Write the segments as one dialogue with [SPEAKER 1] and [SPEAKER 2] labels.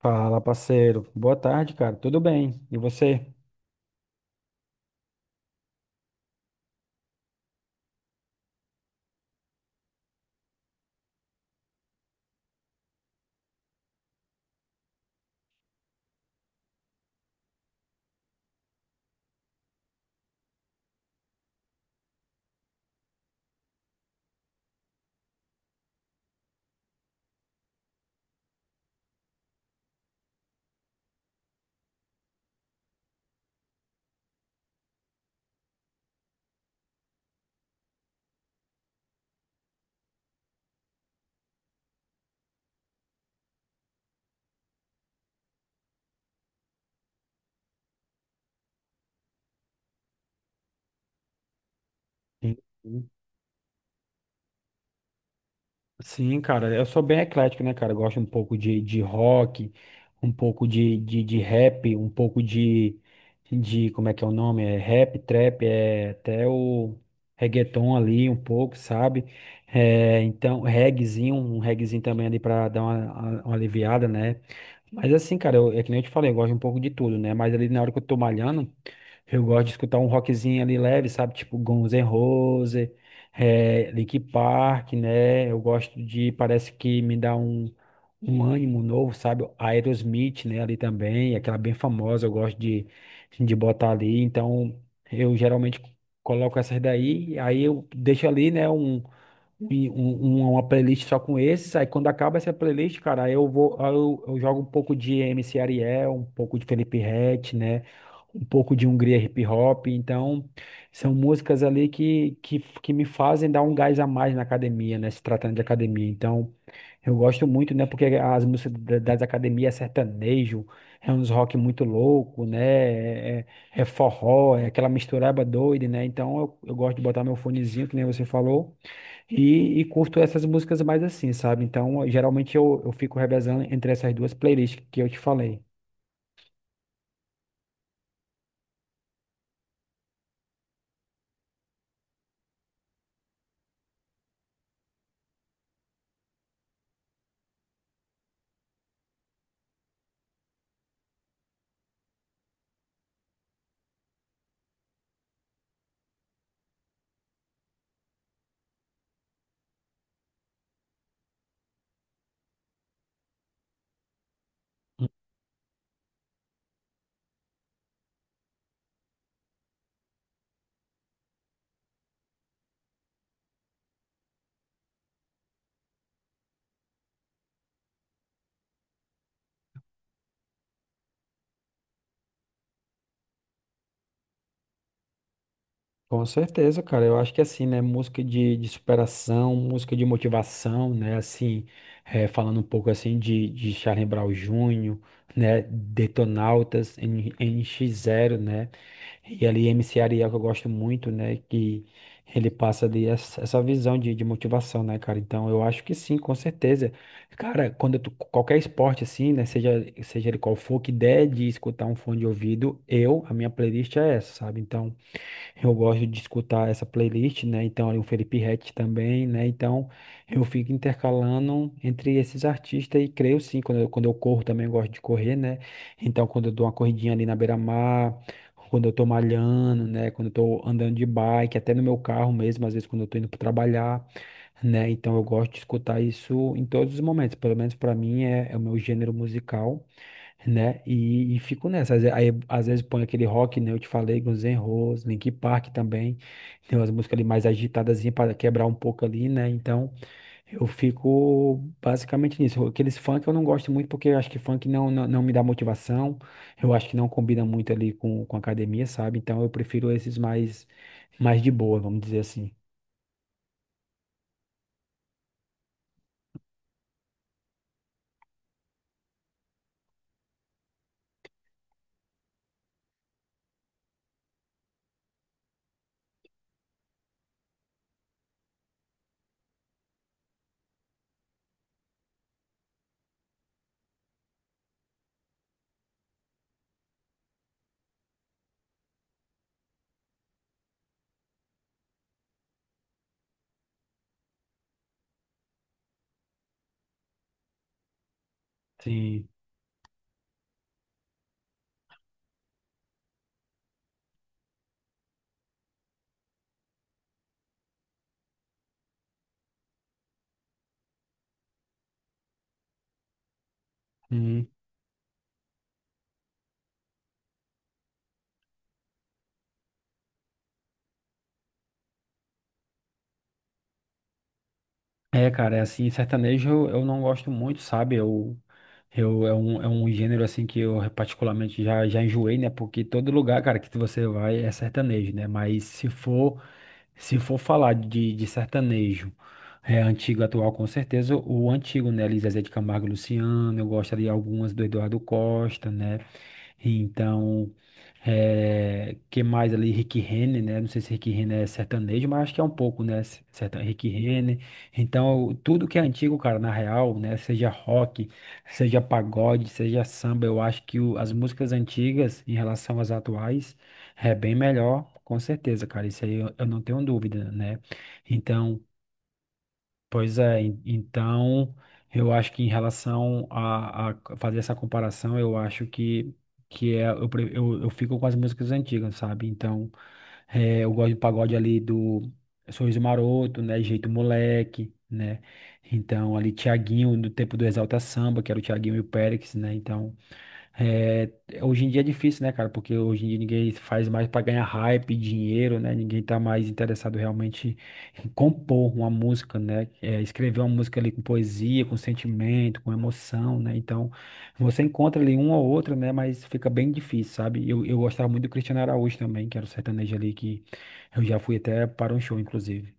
[SPEAKER 1] Fala, parceiro. Boa tarde, cara. Tudo bem? E você? Sim, sim. Sim, cara. Eu sou bem eclético, né, cara? Eu gosto um pouco de rock, um pouco de rap, um pouco de. Como é que é o nome? É rap, trap, é até o reggaeton ali, um pouco, sabe? É, então, reggaezinho, um reggaezinho também ali pra dar uma aliviada, né? Mas assim, cara, é que nem eu te falei, eu gosto um pouco de tudo, né? Mas ali na hora que eu tô malhando. Eu gosto de escutar um rockzinho ali leve, sabe? Tipo Guns N' Roses, Linkin Park, né? Eu gosto parece que me dá um ânimo novo, sabe? Aerosmith, né? Ali também, aquela bem famosa, eu gosto de botar ali. Então, eu geralmente coloco essas daí, aí eu deixo ali, né? E um- uma playlist só com esses. Aí quando acaba essa playlist, cara, aí eu vou, aí eu jogo um pouco de MC Ariel, um pouco de Felipe Ret, né? Um pouco de Hungria Hip Hop. Então, são músicas ali que me fazem dar um gás a mais na academia, né? Se tratando de academia. Então, eu gosto muito, né? Porque as músicas das academias é sertanejo, é uns rock muito louco, né? É forró, é aquela mistureba doida, né? Então, eu gosto de botar meu fonezinho, que nem você falou. E curto essas músicas mais assim, sabe? Então, geralmente eu fico revezando entre essas duas playlists que eu te falei. Com certeza, cara. Eu acho que assim, né? Música de superação, música de motivação, né? Assim, falando um pouco assim de Charlie Brown Jr., né? Detonautas, nx zero, né? E ali MC Ariel, que eu gosto muito, né? Que ele passa ali essa visão de motivação, né, cara? Então, eu acho que sim, com certeza. Cara, quando tu, qualquer esporte assim, né? Seja ele qual for, que der de escutar um fone de ouvido, eu, a minha playlist é essa, sabe? Então. Eu gosto de escutar essa playlist, né? Então, ali o Felipe Ret também, né? Então, eu fico intercalando entre esses artistas e creio sim, quando eu corro também eu gosto de correr, né? Então, quando eu dou uma corridinha ali na beira-mar, quando eu tô malhando, né? Quando eu tô andando de bike, até no meu carro mesmo, às vezes quando eu tô indo para trabalhar, né? Então, eu gosto de escutar isso em todos os momentos, pelo menos para mim é o meu gênero musical, né? E fico nessa. Aí, às vezes põe aquele rock, né? Eu te falei, Guns N' Roses, Linkin Park também. Tem umas músicas ali mais agitadas para quebrar um pouco ali, né? Então, eu fico basicamente nisso. Aqueles funk eu não gosto muito porque eu acho que funk não me dá motivação. Eu acho que não combina muito ali com academia, sabe? Então, eu prefiro esses mais de boa, vamos dizer assim. Sim. É, cara, é assim, sertanejo eu não gosto muito, sabe? É um gênero, assim, que eu particularmente já enjoei, né? Porque todo lugar, cara, que você vai é sertanejo, né? Mas se for falar de sertanejo antigo, atual, com certeza o antigo, né? Elis Zezé de Camargo e Luciano, eu gosto ali algumas do Eduardo Costa, né? Então, que mais ali? Rick Renner, né? Não sei se Rick Renner é sertanejo, mas acho que é um pouco, né? Rick Renner. Então, tudo que é antigo, cara, na real, né? Seja rock, seja pagode, seja samba, eu acho que as músicas antigas em relação às atuais é bem melhor, com certeza, cara. Isso aí eu não tenho dúvida, né? Então. Pois é, então eu acho que em relação a fazer essa comparação, eu acho que eu fico com as músicas antigas, sabe? Então eu gosto do pagode ali do Sorriso Maroto, né? Jeito Moleque, né? Então ali Tiaguinho, do tempo do Exalta Samba, que era o Tiaguinho e o Périx, né? Então. É, hoje em dia é difícil, né, cara? Porque hoje em dia ninguém faz mais para ganhar hype, dinheiro, né? Ninguém tá mais interessado realmente em compor uma música, né? Escrever uma música ali com poesia, com sentimento, com emoção, né? Então, você encontra ali um ou outro, né? Mas fica bem difícil, sabe? Eu gostava muito do Cristiano Araújo também, que era o sertanejo ali que eu já fui até para um show, inclusive.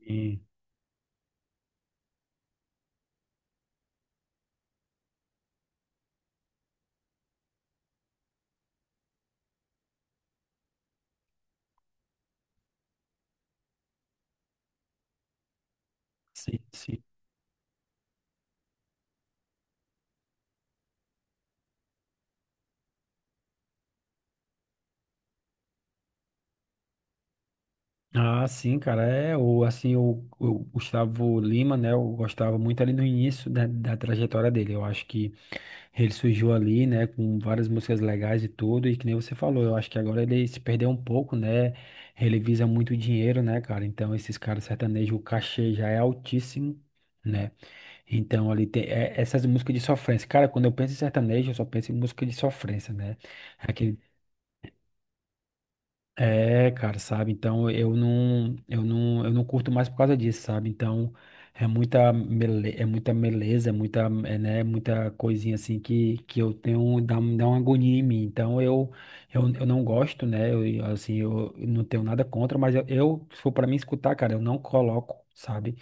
[SPEAKER 1] E- Sim, sim. Ah, sim, cara, assim, o Gustavo Lima, né, eu gostava muito ali no início da trajetória dele, eu acho que ele surgiu ali, né, com várias músicas legais e tudo, e que nem você falou, eu acho que agora ele se perdeu um pouco, né, ele visa muito dinheiro, né, cara, então esses caras sertanejos, o cachê já é altíssimo, né, então ali tem essas músicas de sofrência, cara, quando eu penso em sertanejo, eu só penso em música de sofrência, né, cara, sabe? Então eu não curto mais por causa disso, sabe? Então é muita mele, é muita meleza, né, muita coisinha assim que eu tenho dá, um- dá uma agonia em mim. Então eu não gosto, né? Eu, assim, eu não tenho nada contra, mas eu se for para mim escutar, cara, eu não coloco, sabe?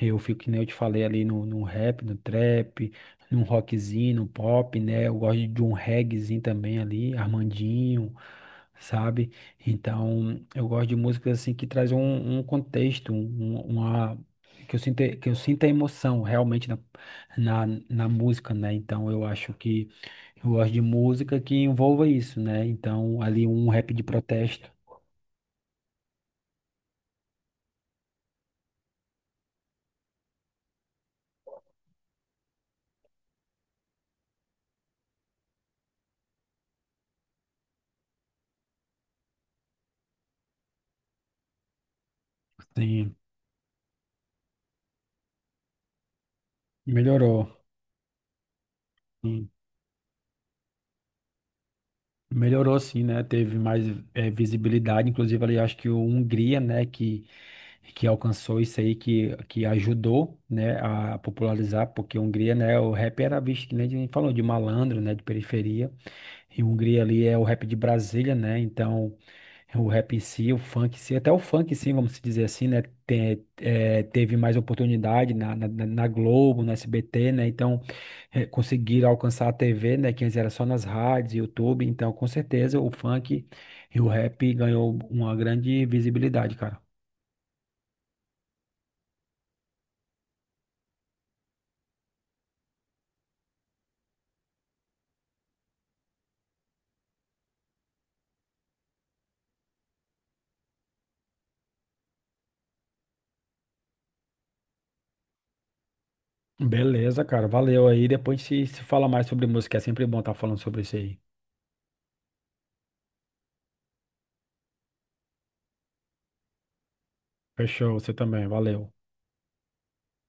[SPEAKER 1] Eu fico que nem eu te falei ali no rap, no trap, num rockzinho, no pop, né? Eu gosto de um reggaezinho também ali, Armandinho, sabe? Então, eu gosto de músicas assim que traz um contexto, uma que eu sinta emoção realmente na música, né? Então, eu acho que eu gosto de música que envolva isso, né? Então, ali um rap de protesto. Sim, melhorou. Sim. Melhorou sim, né? Teve mais visibilidade, inclusive ali acho que o Hungria, né, que alcançou isso aí, que ajudou, né, a popularizar, porque a Hungria, né, o rap era visto, que nem a gente falou, de malandro, né, de periferia, e a Hungria ali é o rap de Brasília, né, então o rap em si, o funk em si, até o funk sim, vamos se dizer assim, né, teve mais oportunidade na Globo, na SBT, né, então conseguiram alcançar a TV, né, que antes era só nas rádios, YouTube, então com certeza o funk e o rap ganhou uma grande visibilidade, cara. Beleza, cara. Valeu aí. Depois se fala mais sobre música. É sempre bom estar falando sobre isso aí. Fechou, você também. Valeu.